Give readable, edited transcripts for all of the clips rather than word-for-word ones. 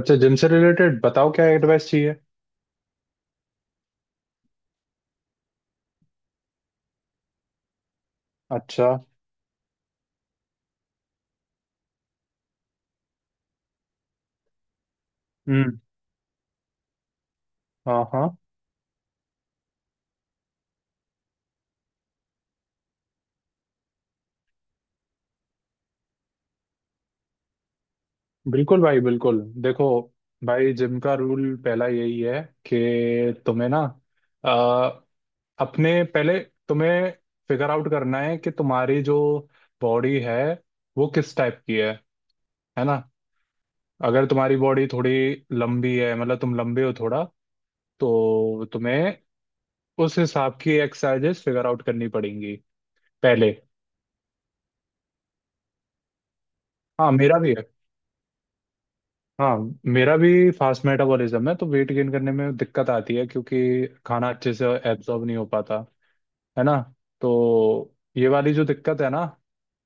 अच्छा, जिम से रिलेटेड बताओ क्या एडवाइस चाहिए। अच्छा। हम्म। हाँ हाँ। बिल्कुल भाई, बिल्कुल। देखो भाई, जिम का रूल पहला यही है कि तुम्हें ना आ, अपने पहले तुम्हें फिगर आउट करना है कि तुम्हारी जो बॉडी है वो किस टाइप की है ना। अगर तुम्हारी बॉडी थोड़ी लंबी है, मतलब तुम लंबे हो थोड़ा, तो तुम्हें उस हिसाब की एक्सरसाइजेस फिगर आउट करनी पड़ेंगी पहले। हाँ, मेरा भी है। हाँ, मेरा भी फास्ट मेटाबॉलिज्म है, तो वेट गेन करने में दिक्कत आती है क्योंकि खाना अच्छे से एब्जॉर्ब नहीं हो पाता, है ना। तो ये वाली जो दिक्कत है ना,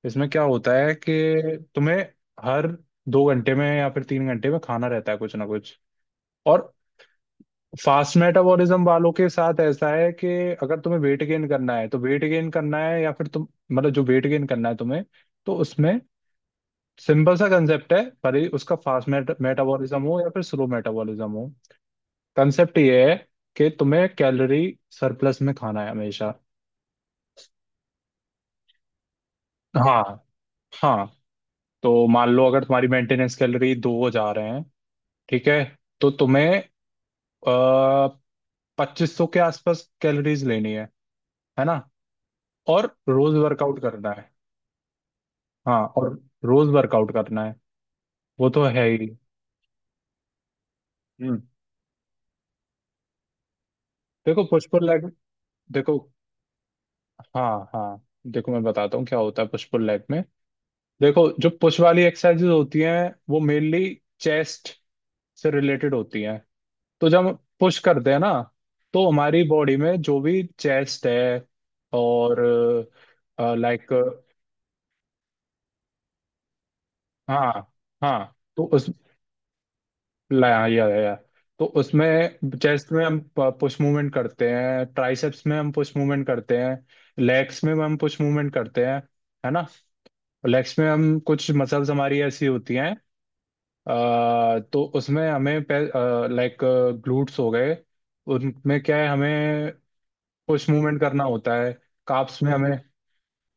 इसमें क्या होता है कि तुम्हें हर 2 घंटे में या फिर 3 घंटे में खाना रहता है कुछ ना कुछ। और फास्ट मेटाबॉलिज्म वालों के साथ ऐसा है कि अगर तुम्हें वेट गेन करना है तो वेट गेन करना है, या फिर तुम, मतलब जो वेट गेन करना है तुम्हें, तो उसमें सिंपल सा कंसेप्ट है। भले ही उसका फास्ट मेटाबॉलिज्म हो या फिर स्लो मेटाबॉलिज्म हो, कंसेप्ट ये है कि तुम्हें कैलोरी सरप्लस में खाना है हमेशा। हाँ हाँ। तो मान लो अगर तुम्हारी मेंटेनेंस कैलोरी दो जा रहे हैं, ठीक है, तो तुम्हें आ, 2500 के आसपास कैलोरीज लेनी है ना, और रोज वर्कआउट करना है। हाँ, और रोज वर्कआउट करना है, वो तो है ही। हम्म। देखो, पुश पुल लेग, देखो। हाँ हाँ। देखो, मैं बताता हूँ क्या होता है पुश पुल लेग में। देखो, जो पुश वाली एक्सरसाइजेज होती हैं वो मेनली चेस्ट से रिलेटेड होती हैं। तो जब हम पुश करते हैं ना, तो हमारी बॉडी में जो भी चेस्ट है और, लाइक, हाँ हाँ, तो उस, लाया या, या, तो उसमें चेस्ट में हम पुश मूवमेंट करते हैं, ट्राइसेप्स में हम पुश मूवमेंट करते हैं, लेग्स में हम पुश मूवमेंट करते हैं, है ना। लेग्स में हम, कुछ मसल्स हमारी ऐसी होती हैं तो उसमें हमें, लाइक, ग्लूट्स हो गए, उनमें क्या है, हमें पुश मूवमेंट करना होता है। काप्स में हमें,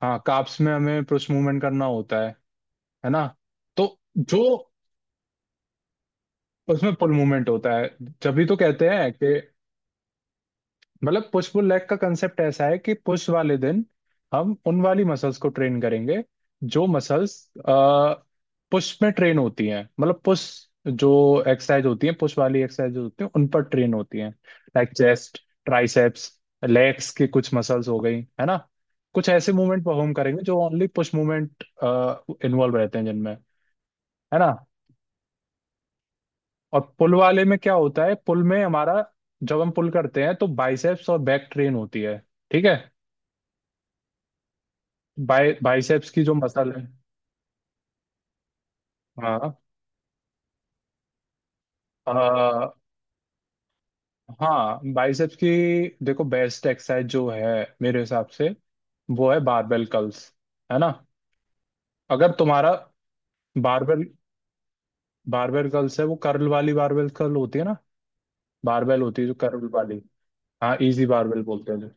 हाँ, काप्स में हमें पुश मूवमेंट करना होता है ना। तो जो, उसमें पुल मूवमेंट होता है। जब भी तो कहते हैं कि, मतलब, पुश पुल लेग का कंसेप्ट ऐसा है कि पुश वाले दिन हम उन वाली मसल्स को ट्रेन करेंगे, जो मसल्स पुश में ट्रेन होती हैं। मतलब पुश, जो एक्सरसाइज होती है, पुश वाली एक्सरसाइज होती है, उन पर ट्रेन होती हैं, लाइक चेस्ट, ट्राइसेप्स, लेग्स की कुछ मसल्स हो गई, है ना। कुछ ऐसे मूवमेंट परफॉर्म करेंगे जो ओनली पुश मूवमेंट इन्वॉल्व रहते हैं जिनमें, है ना। और पुल वाले में क्या होता है, पुल में हमारा, जब हम पुल करते हैं तो बाइसेप्स और बैक ट्रेन होती है, ठीक है। बाई, बाइसेप्स की जो मसल है। हाँ। आ, हाँ, बाइसेप्स की, देखो, बेस्ट एक्सरसाइज जो है मेरे हिसाब से, वो है बारबेल कर्ल्स, है ना। अगर तुम्हारा, बारबेल बारबेल कर्ल्स है, वो कर्ल वाली बारबेल कर्ल होती है ना, बारबेल होती है जो कर्ल वाली। हाँ, इजी बारबेल बोलते हैं,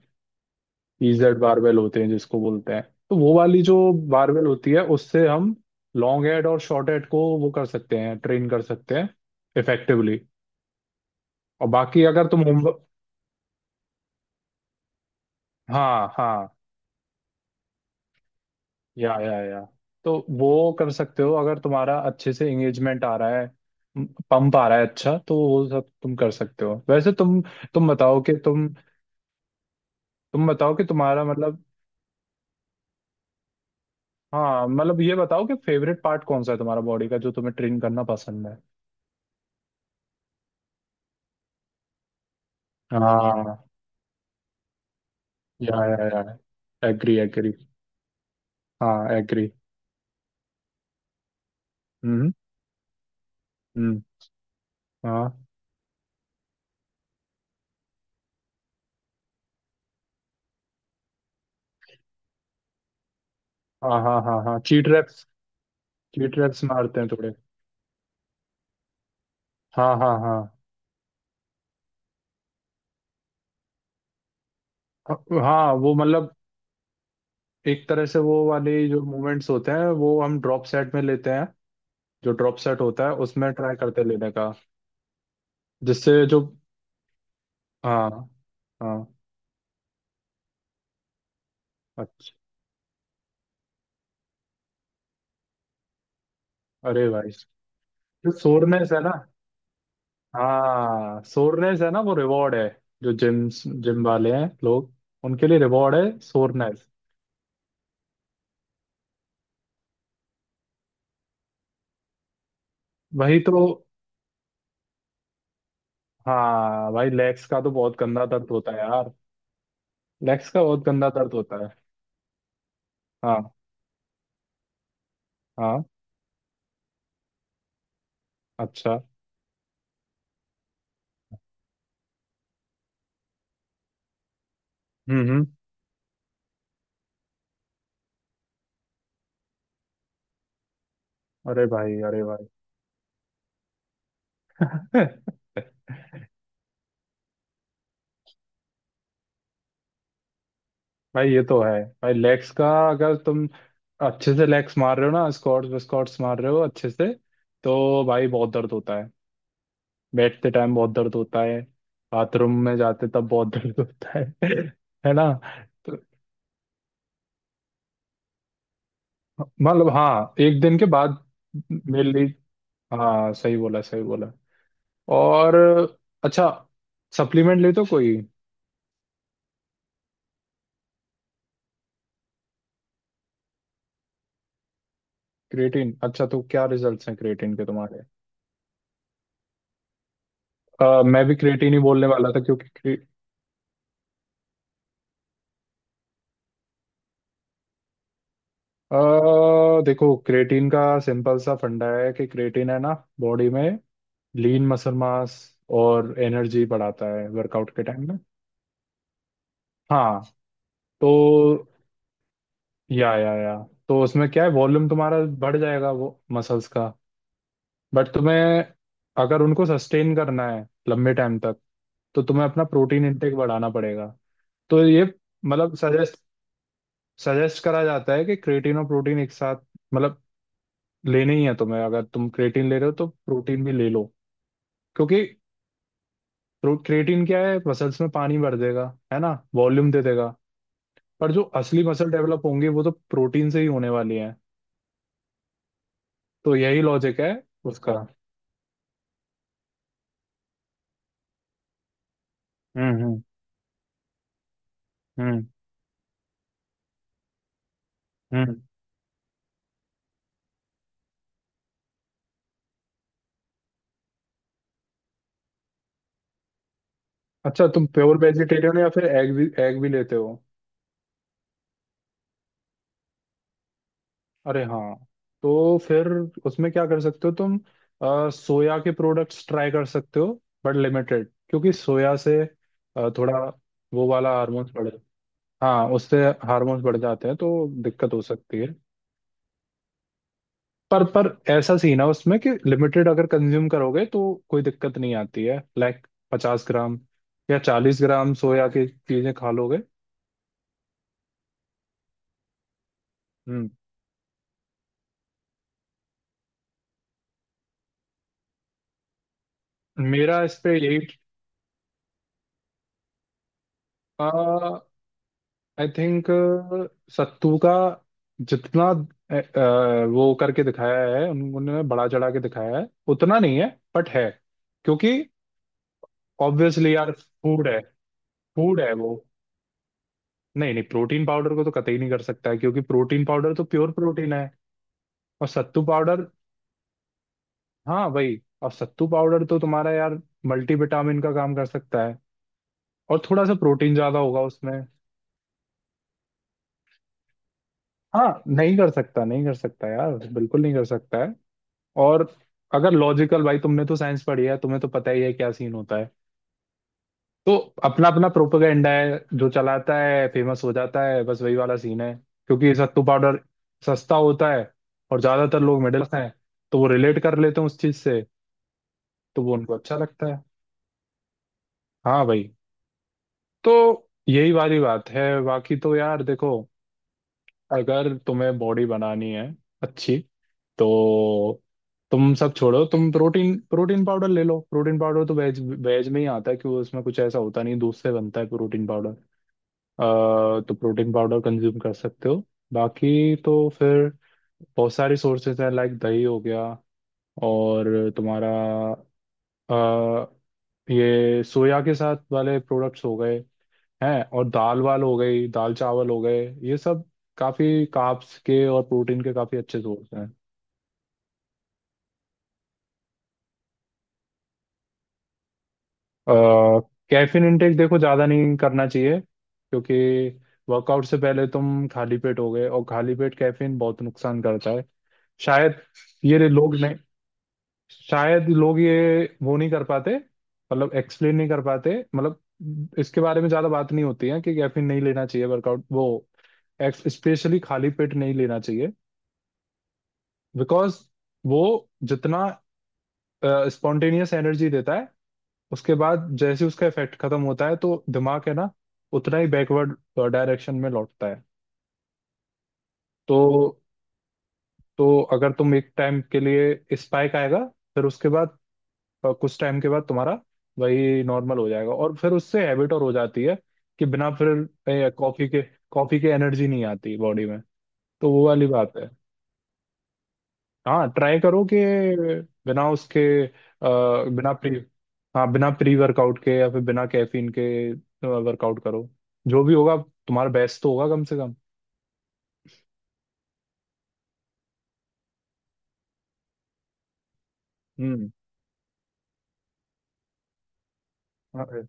इजेड बारबेल होते हैं जिसको बोलते हैं। तो वो वाली जो बारबेल होती है उससे हम लॉन्ग हेड और शॉर्ट हेड को वो कर सकते हैं, ट्रेन कर सकते हैं इफेक्टिवली। और बाकी अगर तुम होम, हाँ हाँ, या, तो वो कर सकते हो अगर तुम्हारा अच्छे से एंगेजमेंट आ रहा है, पंप आ रहा है अच्छा, तो वो सब तुम कर सकते हो। वैसे तुम, तुम बताओ कि तुम तुम बताओ कि तुम्हारा मतलब, हाँ, मतलब ये बताओ कि फेवरेट पार्ट कौन सा है तुम्हारा बॉडी का जो तुम्हें ट्रेन करना पसंद है। हाँ, या, एग्री एग्री। हाँ, एग्री। हम्म हम्म। हाँ हाँ हाँ हाँ हाँ, चीट रैप्स, चीट रैप्स मारते हैं थोड़े। हाँ हाँ हाँ हाँ, वो मतलब एक तरह से वो वाले जो मूवमेंट्स होते हैं वो हम ड्रॉप सेट में लेते हैं, जो ड्रॉप सेट होता है उसमें ट्राई करते हैं लेने का, जिससे जो, हाँ हाँ। अच्छा। अरे भाई, जो सोरनेस है ना, हाँ, सोरनेस है ना, वो रिवॉर्ड है। जो जिम, जिम वाले हैं लोग, उनके लिए रिवॉर्ड है सोरनेस। वही तो। हाँ भाई, लेग्स का तो बहुत गंदा दर्द होता है यार। लेग्स का बहुत गंदा दर्द होता है। हाँ हाँ। अच्छा। हम्म। अरे भाई, अरे भाई। भाई, ये तो है भाई। लेग्स का अगर तुम अच्छे से लेग्स मार रहे हो ना, स्क्वाट्स विस्क्वाट्स मार रहे हो अच्छे से, तो भाई बहुत दर्द होता है। बैठते टाइम बहुत दर्द होता है, बाथरूम में जाते तब बहुत दर्द होता है। है ना। तो मतलब हाँ, एक दिन के बाद, मेरे लिए, हाँ, सही बोला, सही बोला। और, अच्छा, सप्लीमेंट लेते हो कोई? क्रिएटिन, अच्छा, तो क्या रिजल्ट्स हैं क्रिएटिन के तुम्हारे? मैं भी क्रिएटिन ही बोलने वाला था क्योंकि, अ देखो, क्रेटीन का सिंपल सा फंडा है कि क्रेटीन है ना, बॉडी में लीन मसल मास और एनर्जी बढ़ाता है वर्कआउट के टाइम में। हाँ, तो, या, तो उसमें क्या है, वॉल्यूम तुम्हारा बढ़ जाएगा वो मसल्स का। बट तुम्हें, अगर उनको सस्टेन करना है लंबे टाइम तक, तो तुम्हें अपना प्रोटीन इंटेक बढ़ाना पड़ेगा। तो ये, मतलब सजेस्ट, सजेस्ट करा जाता है कि क्रेटीन और प्रोटीन एक साथ, मतलब, लेने ही है तुम्हें। अगर तुम क्रेटीन ले रहे हो तो प्रोटीन भी ले लो क्योंकि क्रिएटिन क्या है, मसल्स में पानी भर देगा, है ना, वॉल्यूम दे देगा, पर जो असली मसल डेवलप होंगे वो तो प्रोटीन से ही होने वाली है। तो यही लॉजिक है उसका। हम्म। हम्म हम्म। अच्छा, तुम प्योर वेजिटेरियन हो या फिर एग भी, एग भी लेते हो? अरे हाँ, तो फिर उसमें क्या कर सकते हो तुम, सोया के प्रोडक्ट्स ट्राई कर सकते हो, बट लिमिटेड, क्योंकि सोया से थोड़ा वो वाला हार्मोन्स बढ़े, हाँ, उससे हार्मोन्स बढ़ जाते हैं, तो दिक्कत हो सकती है। पर ऐसा सीन है उसमें कि लिमिटेड अगर कंज्यूम करोगे तो कोई दिक्कत नहीं आती है, लाइक 50 ग्राम या 40 ग्राम सोया की चीजें खा लोगे। हम्म। मेरा इस पे यही, आई थिंक, सत्तू का जितना, वो करके दिखाया है, उन्होंने बड़ा चढ़ा के दिखाया है उतना नहीं है, बट है, क्योंकि, ऑब्वियसली यार, फूड है, फूड है वो। नहीं नहीं, प्रोटीन पाउडर को तो कतई नहीं कर सकता है, क्योंकि प्रोटीन पाउडर तो प्योर प्रोटीन है और सत्तू पाउडर, हाँ वही, और सत्तू पाउडर तो तुम्हारा यार मल्टीविटामिन का काम कर सकता है, और थोड़ा सा प्रोटीन ज्यादा होगा उसमें। हाँ, नहीं कर सकता, नहीं कर सकता यार, बिल्कुल नहीं कर सकता है। और अगर लॉजिकल, भाई तुमने तो साइंस पढ़ी है, तुम्हें तो पता ही है क्या सीन होता है। तो अपना अपना प्रोपेगेंडा है, जो चलाता है फेमस हो जाता है, बस वही वाला सीन है। क्योंकि सत्तू पाउडर सस्ता होता है, और ज्यादातर लोग मिडिल क्लास हैं, तो वो रिलेट कर लेते हैं उस चीज से, तो वो उनको अच्छा लगता है। हाँ भाई, तो यही वाली बात है। बाकी तो यार देखो, अगर तुम्हें बॉडी बनानी है अच्छी, तो तुम सब छोड़ो, तुम प्रोटीन प्रोटीन पाउडर ले लो। प्रोटीन पाउडर तो वेज, वेज में ही आता है कि वो, उसमें कुछ ऐसा होता नहीं, दूध से बनता है प्रोटीन पाउडर। तो प्रोटीन पाउडर कंज्यूम कर सकते हो। बाकी तो फिर बहुत सारे सोर्सेज हैं, लाइक दही हो गया, और तुम्हारा अ, ये सोया के साथ वाले प्रोडक्ट्स हो गए, है, और दाल वाल हो गई, दाल चावल हो गए, ये सब काफी कार्ब्स के और प्रोटीन के काफी अच्छे सोर्स हैं। कैफीन इंटेक, देखो, ज्यादा नहीं करना चाहिए, क्योंकि वर्कआउट से पहले तुम खाली पेट हो गए, और खाली पेट कैफीन बहुत नुकसान करता है। शायद ये लोग नहीं, शायद लोग ये वो नहीं कर पाते, मतलब एक्सप्लेन नहीं कर पाते, मतलब इसके बारे में ज्यादा बात नहीं होती है कि कैफीन नहीं लेना चाहिए वर्कआउट, वो स्पेशली खाली पेट नहीं लेना चाहिए। बिकॉज वो जितना स्पॉन्टेनियस एनर्जी देता है, उसके बाद जैसे ही उसका इफेक्ट खत्म होता है तो दिमाग है ना, उतना ही बैकवर्ड डायरेक्शन में लौटता है। तो तो अगर तुम, एक टाइम के लिए स्पाइक आएगा, फिर उसके बाद कुछ टाइम के बाद तुम्हारा वही नॉर्मल हो जाएगा, और फिर उससे हैबिट और हो जाती है कि बिना फिर कॉफी के, कॉफी के एनर्जी नहीं आती बॉडी में। तो वो वाली बात है। हाँ, ट्राई करो कि बिना उसके, अ, बिना प्री, हाँ, बिना प्री वर्कआउट के या फिर बिना कैफीन के वर्कआउट करो। जो भी होगा तुम्हारा बेस्ट तो होगा कम से कम। हम्म। अरे,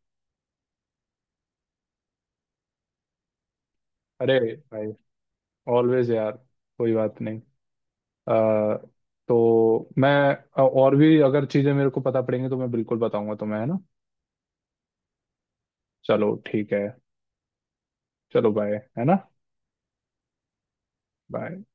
अरे भाई, ऑलवेज यार, कोई बात नहीं। आ, तो मैं, और भी अगर चीजें मेरे को पता पड़ेंगी तो मैं बिल्कुल बताऊंगा तुम्हें, है ना। चलो ठीक है। चलो बाय, है ना। बाय।